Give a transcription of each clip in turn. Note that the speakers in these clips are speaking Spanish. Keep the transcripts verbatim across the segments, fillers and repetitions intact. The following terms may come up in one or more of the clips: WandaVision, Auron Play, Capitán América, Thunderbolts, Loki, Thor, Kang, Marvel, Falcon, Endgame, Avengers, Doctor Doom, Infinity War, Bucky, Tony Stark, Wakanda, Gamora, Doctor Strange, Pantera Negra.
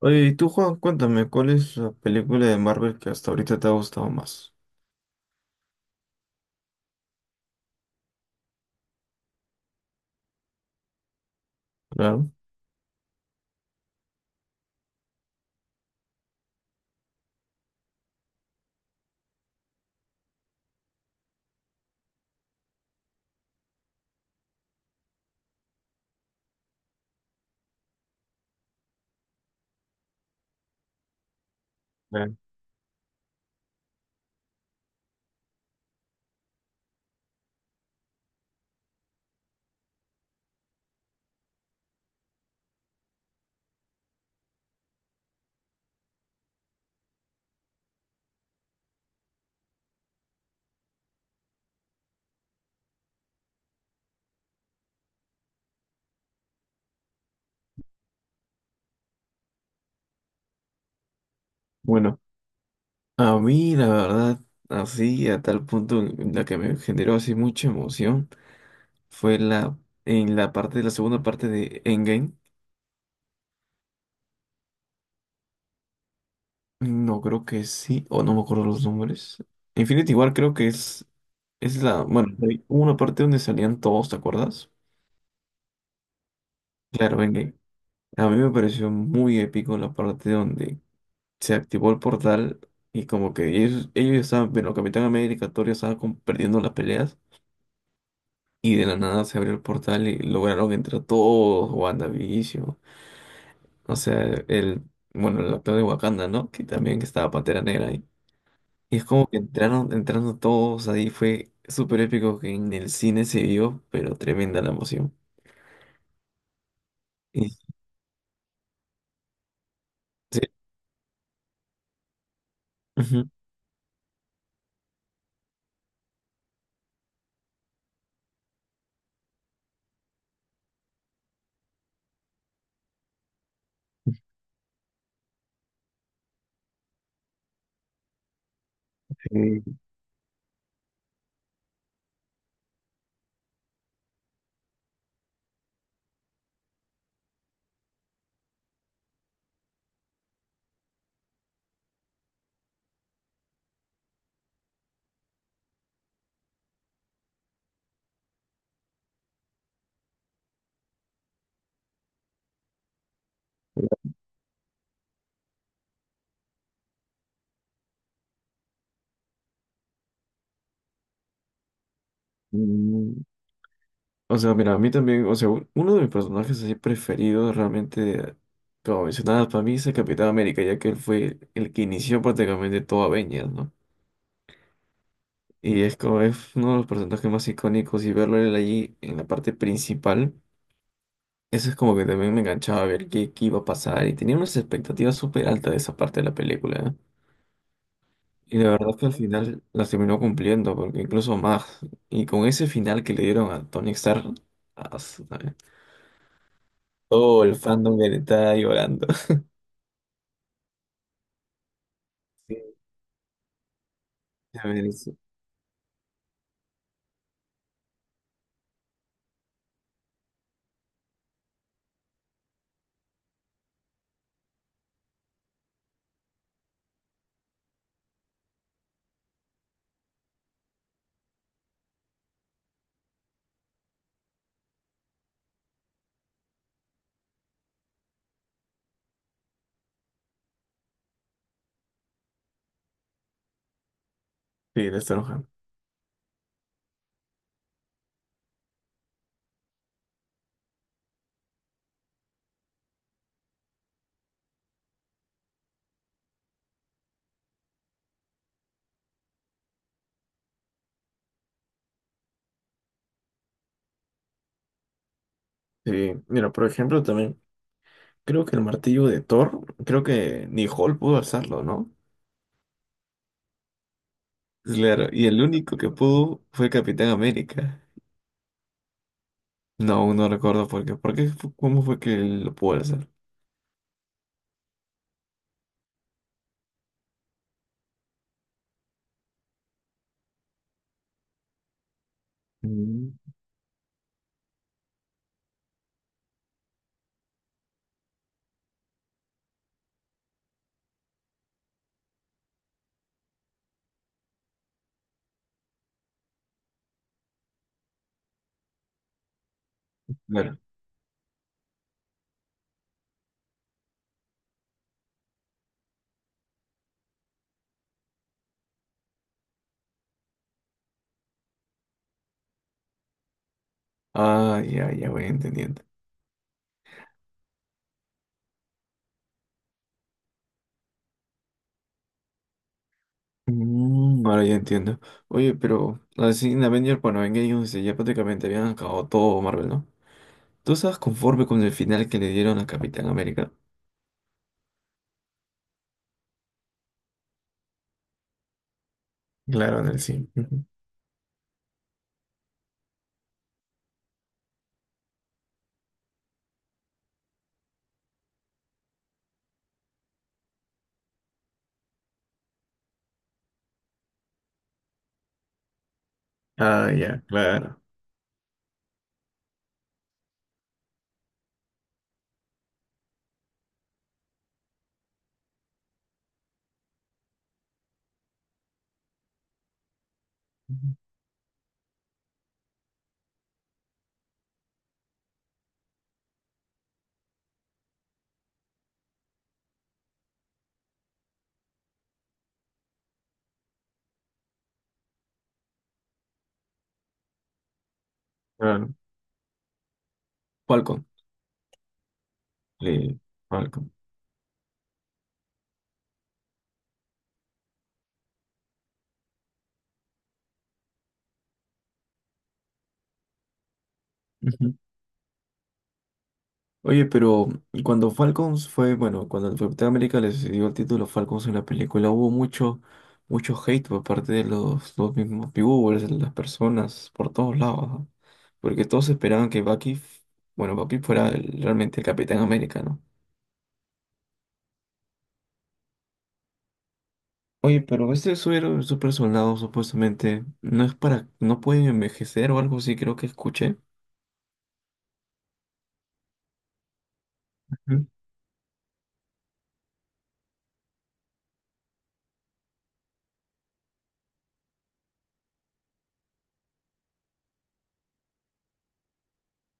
Oye, y tú, Juan, cuéntame, ¿cuál es la película de Marvel que hasta ahorita te ha gustado más? Claro. Bien. Bueno, a mí la verdad, así a tal punto en la que me generó así mucha emoción fue la en la parte de la segunda parte de Endgame. No creo que sí, o no me acuerdo los nombres. Infinity War creo que es es la, bueno, hay una parte donde salían todos, ¿te acuerdas? Claro, Endgame. A mí me pareció muy épico la parte donde se activó el portal y como que ellos, ellos estaban, bueno, Capitán América, Thor ya estaba como perdiendo las peleas y de la nada se abrió el portal y lograron entrar todos, WandaVision, o sea, el, bueno, el actor de Wakanda, ¿no? Que también estaba Pantera Negra ahí. Y es como que entraron, entrando todos ahí, fue súper épico que en el cine se vio, pero tremenda la emoción. Y, sí, ujú. Sí, o sea, mira, a mí también, o sea, un- uno de mis personajes así preferidos realmente, como mencionabas, para mí es el Capitán América, ya que él fue el que inició prácticamente todo Avengers, ¿no? Y es como es uno de los personajes más icónicos y verlo a él allí en la parte principal, eso es como que también me enganchaba a ver qué, qué iba a pasar y tenía unas expectativas súper altas de esa parte de la película, ¿eh? Y la verdad que al final las terminó cumpliendo, porque incluso más, y con ese final que le dieron a Tony Stark, as- todo el fandom que le está llorando. Sí, a ver, eso. Sí, de esta hoja. Sí, mira, por ejemplo, también creo que el martillo de Thor, creo que ni Hall pudo alzarlo, ¿no? Claro, y el único que pudo fue Capitán América. No, aún no recuerdo por qué. ¿Por qué fu- ¿Cómo fue que él lo pudo alzar? Mm, Claro. Ah, ya, ya voy entendiendo. Mm, ahora ya entiendo. Oye, pero así en Avengers, bueno, en ellos ya prácticamente habían acabado todo Marvel, ¿no? ¿Tú estás conforme con el final que le dieron a Capitán América? Claro, en el sí. Ah, ya, claro. Claro. Falcon. Le- Falcon. Ujú. Oye, pero cuando Falcons fue, bueno, cuando el Capitán América les dio el título Falcons en la película, hubo mucho, mucho hate por parte de los, los mismos viewers, de las personas, por todos lados, ¿no? Porque todos esperaban que Bucky, f- bueno, Bucky fuera el- realmente el Capitán América, ¿no? Oye, pero este suero, super soldado, supuestamente, no es para, no puede envejecer o algo así, creo que escuché. Ujú.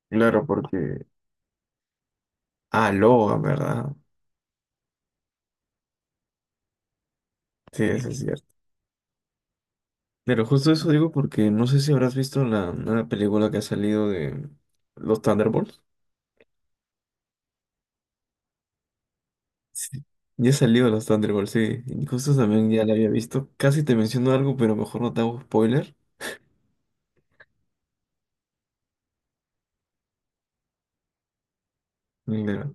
Claro, porque... Ah, Logan, ¿verdad? Sí, eso es cierto. Pero justo eso digo porque no sé si habrás visto la nueva película que ha salido de los Thunderbolts. Sí. Ya ha salido los Thunderbolts, sí. Y justo también ya la había visto. Casi te menciono algo, pero mejor no te hago spoiler. Mira.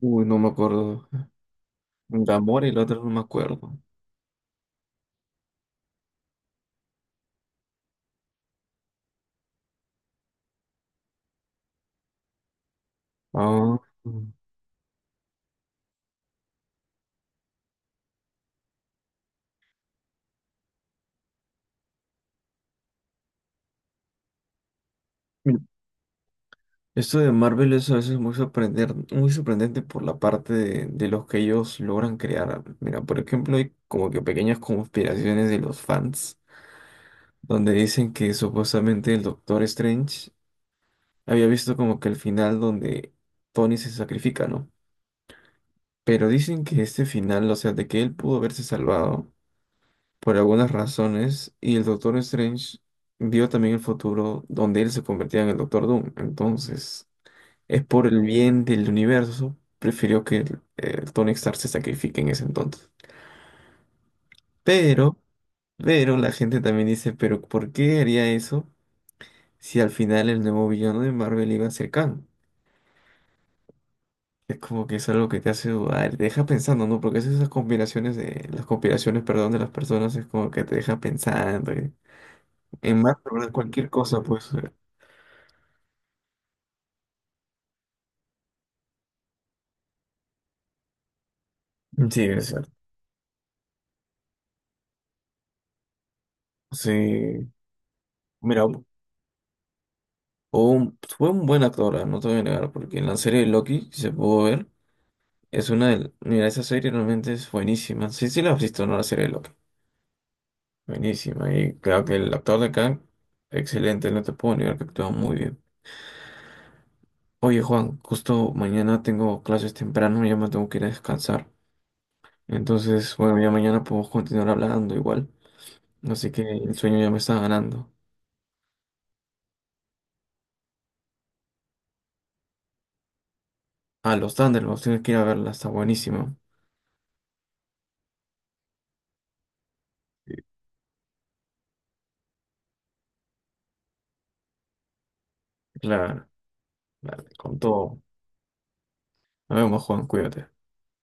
Uy, no me acuerdo. Gamora y la otra no me acuerdo. Ah. Mm. Esto de Marvel es a veces muy sorprendente, muy sorprendente por la parte de, de los que ellos logran crear. Mira, por ejemplo, hay como que pequeñas conspiraciones de los fans donde dicen que supuestamente el Doctor Strange había visto como que el final donde Tony se sacrifica, ¿no? Pero dicen que este final, o sea, de que él pudo haberse salvado por algunas razones y el Doctor Strange vio también el futuro donde él se convertía en el Doctor Doom. Entonces, es por el bien del universo, prefirió que el, el Tony Stark se sacrifique en ese entonces. Pero, pero la gente también dice, pero ¿por qué haría eso? Si al final el nuevo villano de Marvel iba a ser Kang. Es como que es algo que te hace dudar, te deja pensando, ¿no? Porque esas conspiraciones de, las conspiraciones, perdón, de las personas es como que te deja pensando, ¿eh? En más, pero cualquier cosa, pues, eh. Sí, es cierto. Sí. Mira, hubo un- fue un buen actor, ah, no te voy a negar, porque en la serie de Loki, si se pudo ver, es una de... Mira, esa serie realmente es buenísima. Sí, sí la has visto, ¿no? La serie de Loki. Buenísima. Y claro que el actor de Kang, excelente, no te puedo negar que actúa muy bien. Oye, Juan, justo mañana tengo clases temprano, ya me tengo que ir a descansar. Entonces, bueno, ya mañana podemos continuar hablando igual. Así que el sueño ya me está ganando. Ah, los Thunderbolts, tienes que ir a verla, está buenísimo. Claro, claro, dale, con todo. Nos vemos, Juan, cuídate.